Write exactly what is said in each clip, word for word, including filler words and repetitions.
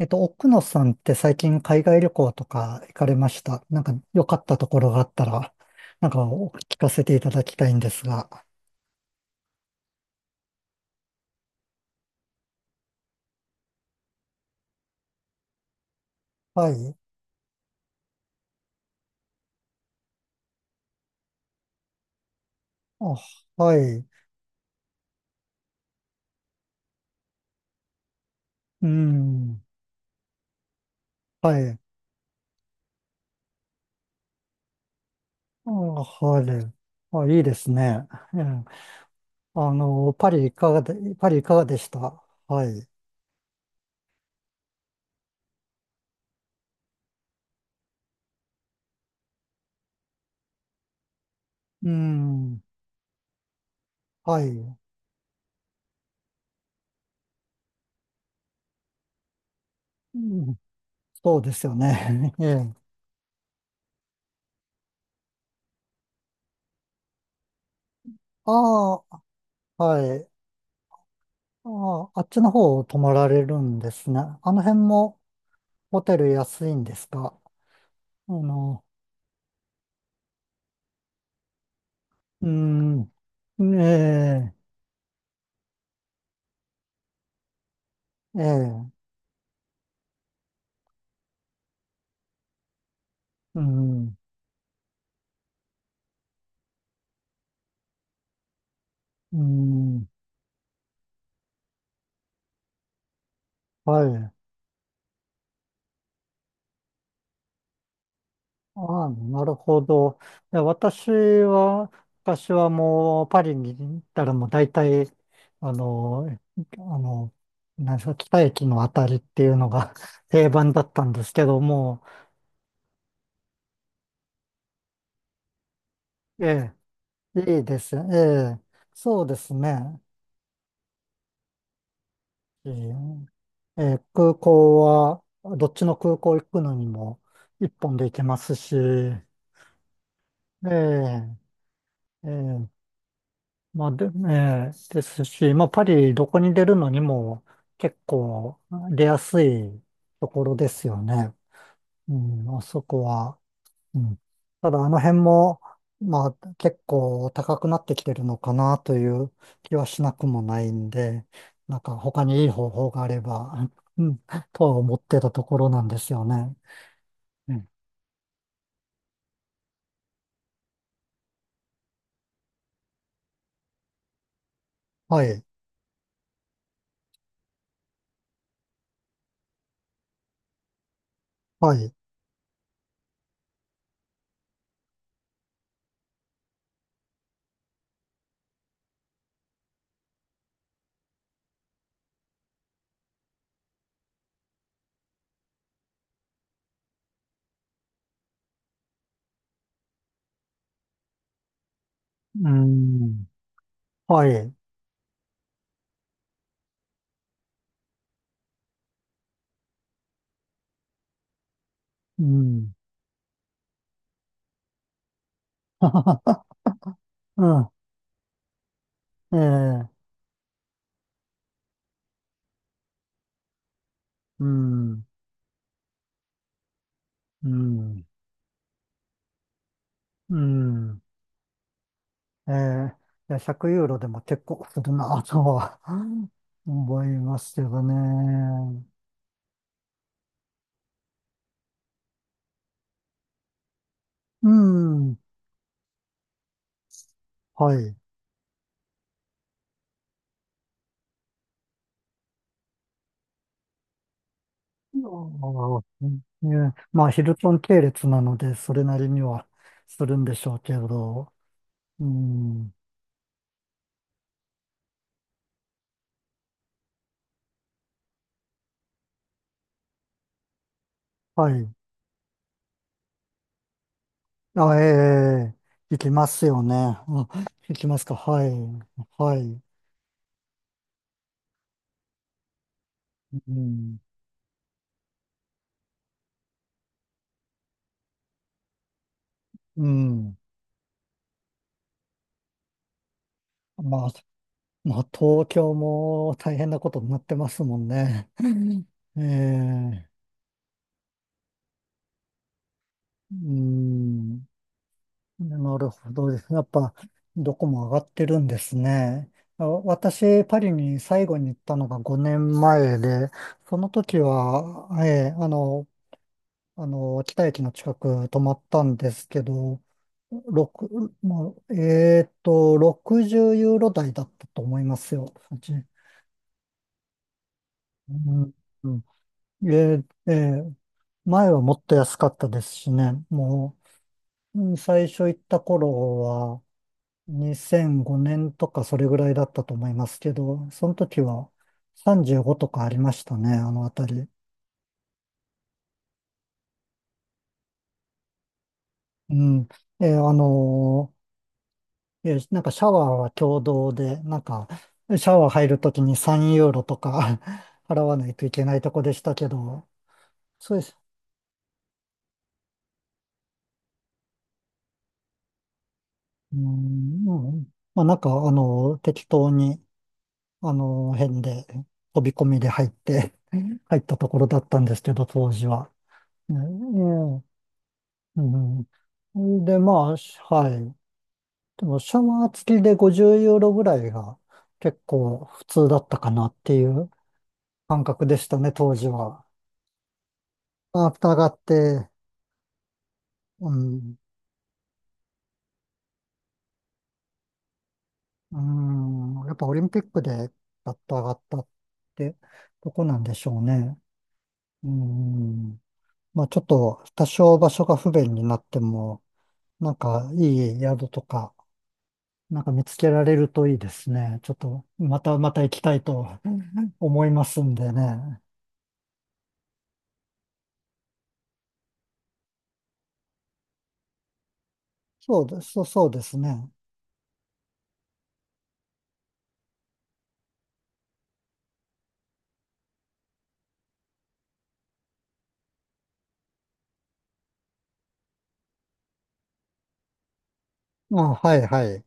えっと、奥野さんって最近海外旅行とか行かれました。なんか良かったところがあったら、なんかお聞かせていただきたいんですが。はい。あ、はい。うん。はい。あ、はい。あ、いいですね。うん。あの、パリいかがで、パリいかがでしたはい。うん。はい。うん、そうですよね。ええ。ああ、はい。ああ、あっちの方を泊まられるんですね。あの辺も、ホテル安いんですかあの、うん、ええ、ええ、うん、うん、はい。ああ、なるほど。いや私は、昔はもうパリに行ったらもう大体、あの、あの、なんですか、北駅のあたりっていうのが 定番だったんですけども、ええ、いいです。ええ、そうですね。えええー空港は、どっちの空港行くのにも一本で行けますし、ええええまあで、ええですし、まあパリどこに出るのにも結構出やすいところですよね。うん、まあそこは。うん、ただあの辺も、まあ結構高くなってきてるのかなという気はしなくもないんで、なんか他にいい方法があれば、うん、とは思ってたところなんですよね。ええはい、はい、うん、はい、うん、ははは、うん、ええ、うん、うん、うん、ええ、いやひゃくユーロでも結構するなとは 思いますけどね。うん、はい。ああ、ねまあ、ヒルトン系列なので、それなりにはするんでしょうけど、うん、はい。あ、ええ、行きますよね。うん、行きますか。はい。はい。うん。うん。まあ、まあ、東京も大変なことになってますもんね。ええ、うん。なるほどですね。やっぱ、どこも上がってるんですね。あ私、パリに最後に行ったのがごねんまえで、その時は、ええ、あの、あの、北駅の近く泊まったんですけど、六もう、えーっと、ろくじゅうユーロ台だったと思いますよ。うちうんうんえーえー前はもっと安かったですしね。もう、うん最初行った頃はにせんごねんとかそれぐらいだったと思いますけど、その時はさんじゅうごとかありましたね、あの辺り。うん。えーあのーえ、なんかシャワーは共同で、なんか、シャワー入るときにさんユーロとか 払わないといけないとこでしたけど、そうです。うーん、うんまあなんか、あの、適当に、あの、辺で、飛び込みで入って 入ったところだったんですけど、当時は。ねええうん、うんで、まあ、はい。でも、シャワー付きでごじゅうユーロぐらいが結構普通だったかなっていう感覚でしたね、当時は。あフがあって、うん、うん、やっぱオリンピックでアッと上がったってとこなんでしょうね。うん、まあちょっと多少場所が不便になっても、なんかいい宿とか、なんか見つけられるといいですね。ちょっとまたまた行きたいと思いますんでね。そうです、そうそうですね。あ、はいはい。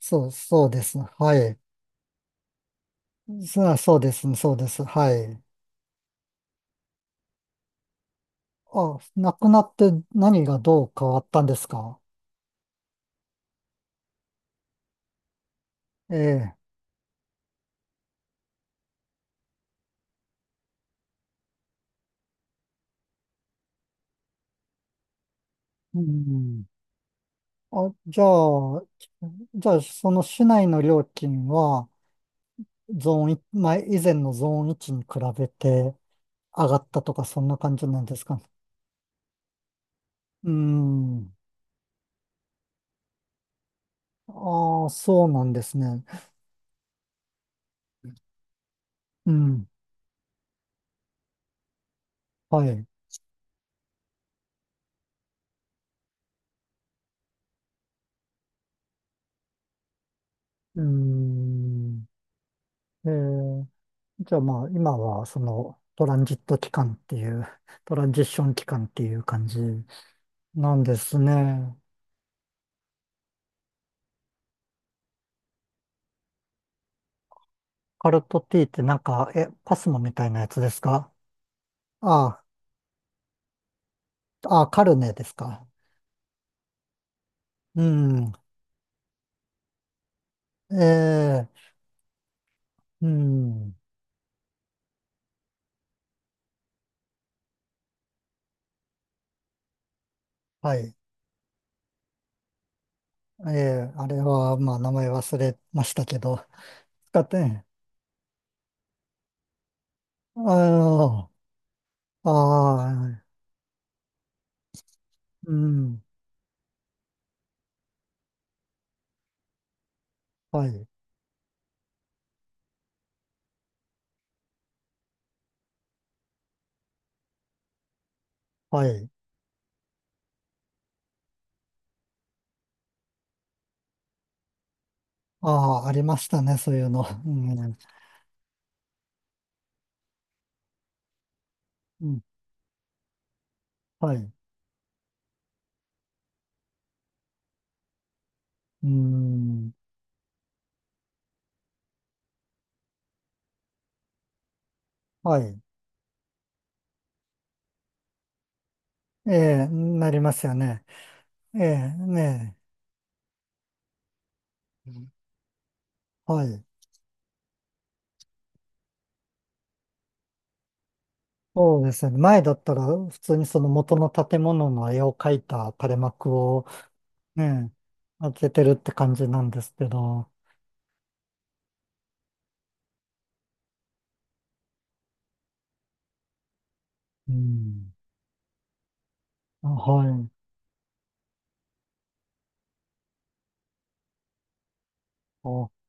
そう、そうです。はい。そう、そうです、そうです。はい。あ、亡くなって何がどう変わったんですかええ。うん。あ、じゃあ、じゃあ、その市内の料金は、ゾーンいち、前、以前のゾーンいちに比べて上がったとか、そんな感じなんですかうん。ああ、そうなんですね。うん。はい。うん。ええ、じゃあまあ、今は、その、トランジット期間っていう、トランジッション期間っていう感じなんですね。カルトティーってなんか、え、パスモみたいなやつですかああ、あ、カルネですか。うん。ええ、うん。はい。ええ、あれは、まあ、名前忘れましたけど、使って、ああ、ああ、うん。はい。はい。ああ、ありましたね、そういうの。うん。うんはい。うん。はい。ええ、なりますよね。ええ、ねえ。はい。そうですね。前だったら、普通にその元の建物の絵を描いた垂れ幕をね、開けてるって感じなんですけど。うん。あはい。あ